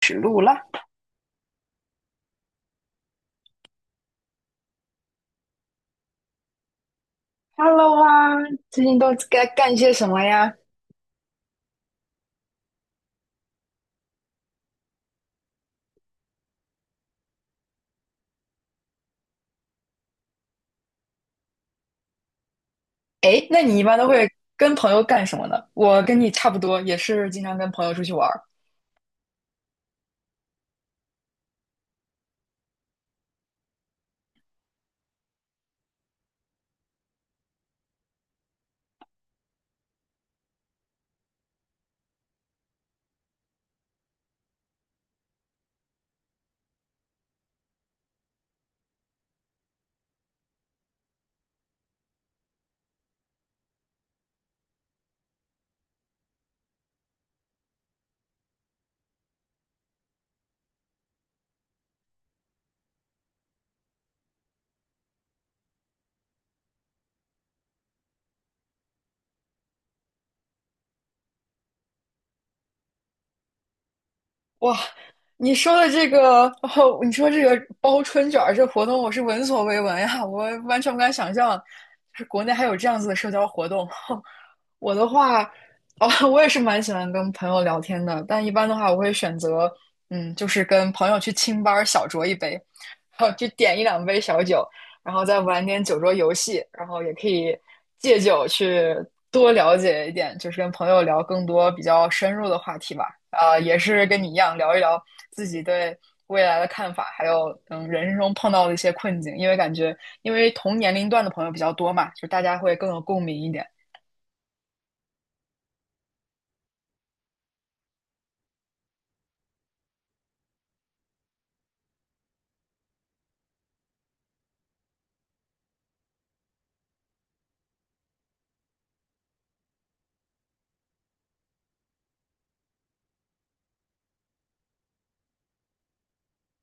指路了。Hello 啊，最近都该干些什么呀？哎，那你一般都会跟朋友干什么呢？我跟你差不多，也是经常跟朋友出去玩儿。哇，你说的这个，哦，你说这个包春卷儿这活动，我是闻所未闻呀，我完全不敢想象，就是国内还有这样子的社交活动。我的话，哦，我也是蛮喜欢跟朋友聊天的，但一般的话，我会选择，嗯，就是跟朋友去清吧儿小酌一杯，然后就点一两杯小酒。然后再玩点酒桌游戏，然后也可以借酒去多了解一点，就是跟朋友聊更多比较深入的话题吧。啊，也是跟你一样聊一聊自己对未来的看法，还有人生中碰到的一些困境，因为感觉同年龄段的朋友比较多嘛，就大家会更有共鸣一点。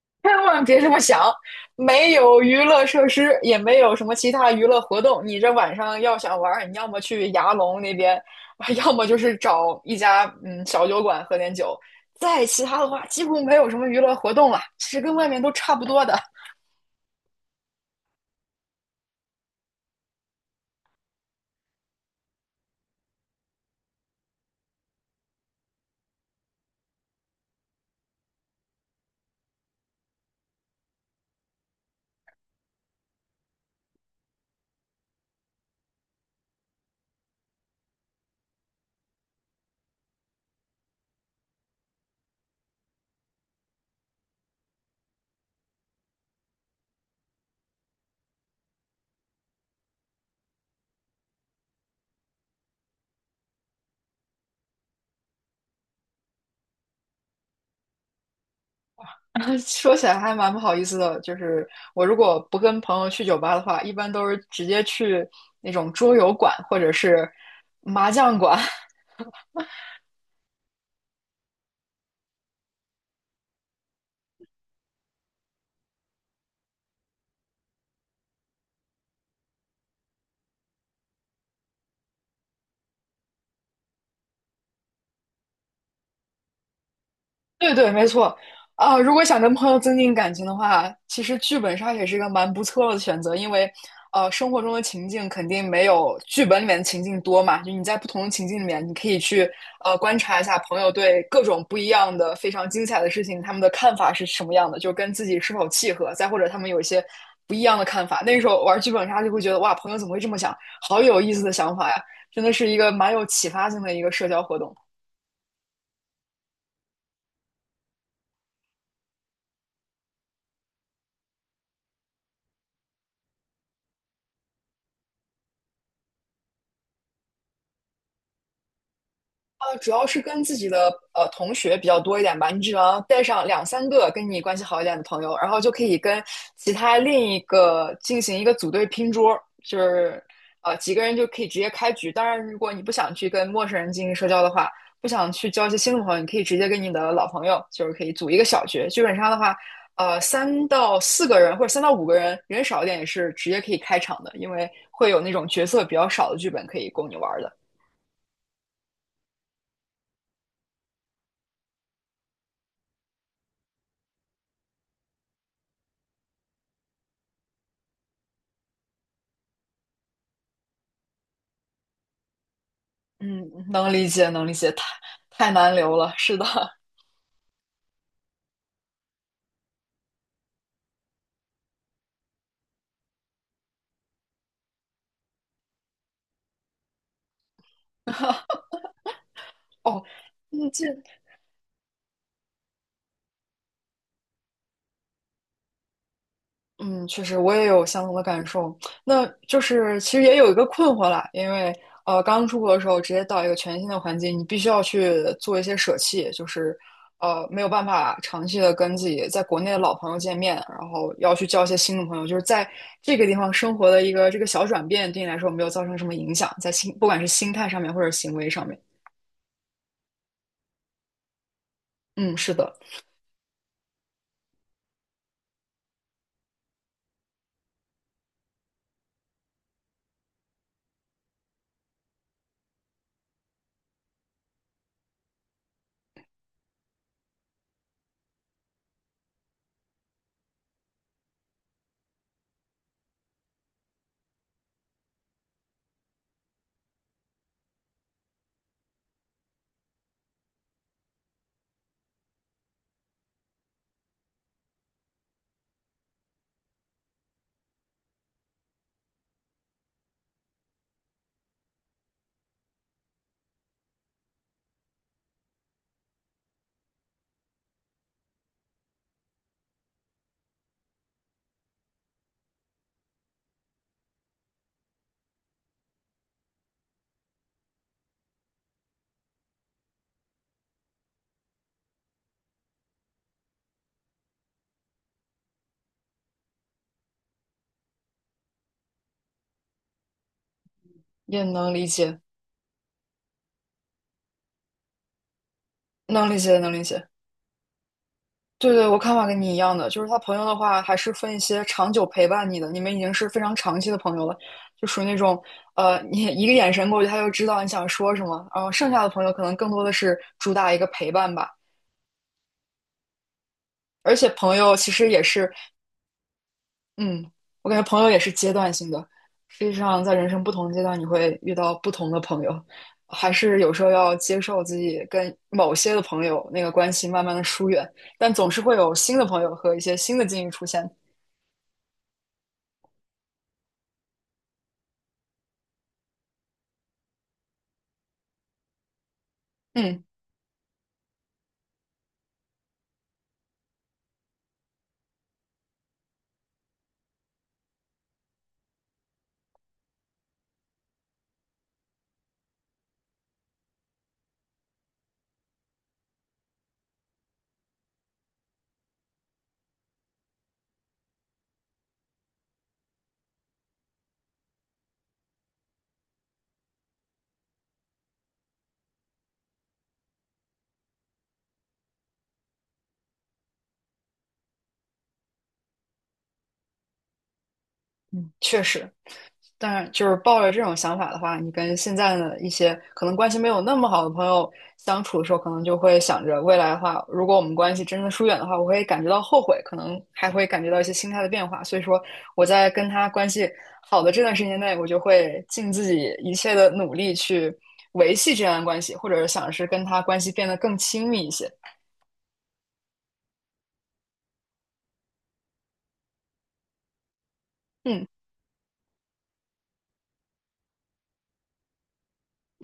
千万别这么想，没有娱乐设施，也没有什么其他娱乐活动。你这晚上要想玩你要么去牙龙那边，要么就是找一家小酒馆喝点酒。再其他的话，几乎没有什么娱乐活动了，其实跟外面都差不多的。说起来还蛮不好意思的，就是我如果不跟朋友去酒吧的话，一般都是直接去那种桌游馆或者是麻将馆。对对，没错啊，如果想跟朋友增进感情的话，其实剧本杀也是一个蛮不错的选择，因为生活中的情境肯定没有剧本里面的情境多嘛。就你在不同的情境里面，你可以去观察一下朋友对各种不一样的、非常精彩的事情，他们的看法是什么样的，就跟自己是否契合，再或者他们有一些不一样的看法。那时候玩剧本杀就会觉得哇，朋友怎么会这么想？好有意思的想法呀，真的是一个蛮有启发性的一个社交活动。主要是跟自己的同学比较多一点吧。你只要带上两三个跟你关系好一点的朋友，然后就可以跟其他另一个进行一个组队拼桌，就是几个人就可以直接开局。当然，如果你不想去跟陌生人进行社交的话，不想去交一些新的朋友，你可以直接跟你的老朋友，就是可以组一个小局。基本上的话，三到四个人或者三到五个人，人少一点也是直接可以开场的，因为会有那种角色比较少的剧本可以供你玩的。嗯，能理解，能理解，太难留了，是的。哦，嗯，这，嗯，确实我也有相同的感受。那就是其实也有一个困惑啦，因为刚出国的时候直接到一个全新的环境，你必须要去做一些舍弃，就是没有办法长期的跟自己在国内的老朋友见面，然后要去交一些新的朋友，就是在这个地方生活的一个这个小转变，对你来说没有造成什么影响，在心，不管是心态上面或者行为上面。嗯，是的，也能理解。能理解，能理解。对对，我看法跟你一样的，就是他朋友的话，还是分一些长久陪伴你的，你们已经是非常长期的朋友了，就属于那种，你一个眼神过去，他就知道你想说什么。然后剩下的朋友可能更多的是主打一个陪伴吧，而且朋友其实也是嗯，我感觉朋友也是阶段性的。实际上，在人生不同阶段，你会遇到不同的朋友，还是有时候要接受自己跟某些的朋友那个关系慢慢的疏远，但总是会有新的朋友和一些新的境遇出现。嗯，确实。当然，就是抱着这种想法的话，你跟现在的一些可能关系没有那么好的朋友相处的时候，可能就会想着未来的话，如果我们关系真的疏远的话，我会感觉到后悔，可能还会感觉到一些心态的变化。所以说，我在跟他关系好的这段时间内，我就会尽自己一切的努力去维系这样的关系，或者想是跟他关系变得更亲密一些。嗯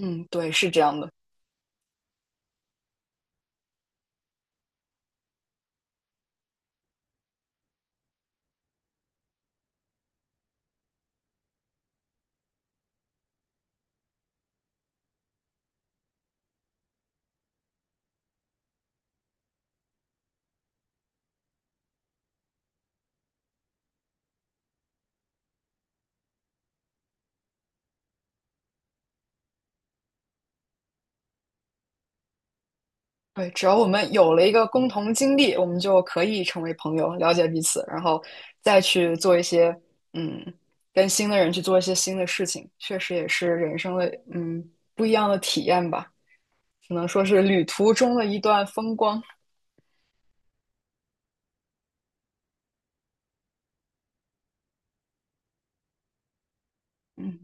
嗯，对，是这样的。对，只要我们有了一个共同经历，我们就可以成为朋友，了解彼此，然后再去做一些，嗯，跟新的人去做一些新的事情，确实也是人生的，嗯，不一样的体验吧，只能说是旅途中的一段风光。嗯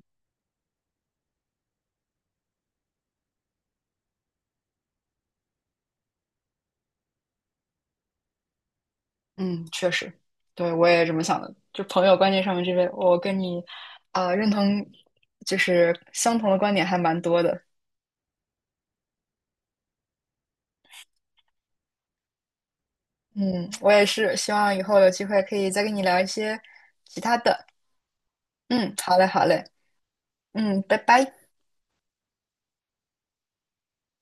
嗯，确实，对，我也这么想的。就朋友观念上面这边，我跟你，认同，就是相同的观点还蛮多的。嗯，我也是，希望以后有机会可以再跟你聊一些其他的。嗯，好嘞，好嘞，嗯，拜拜。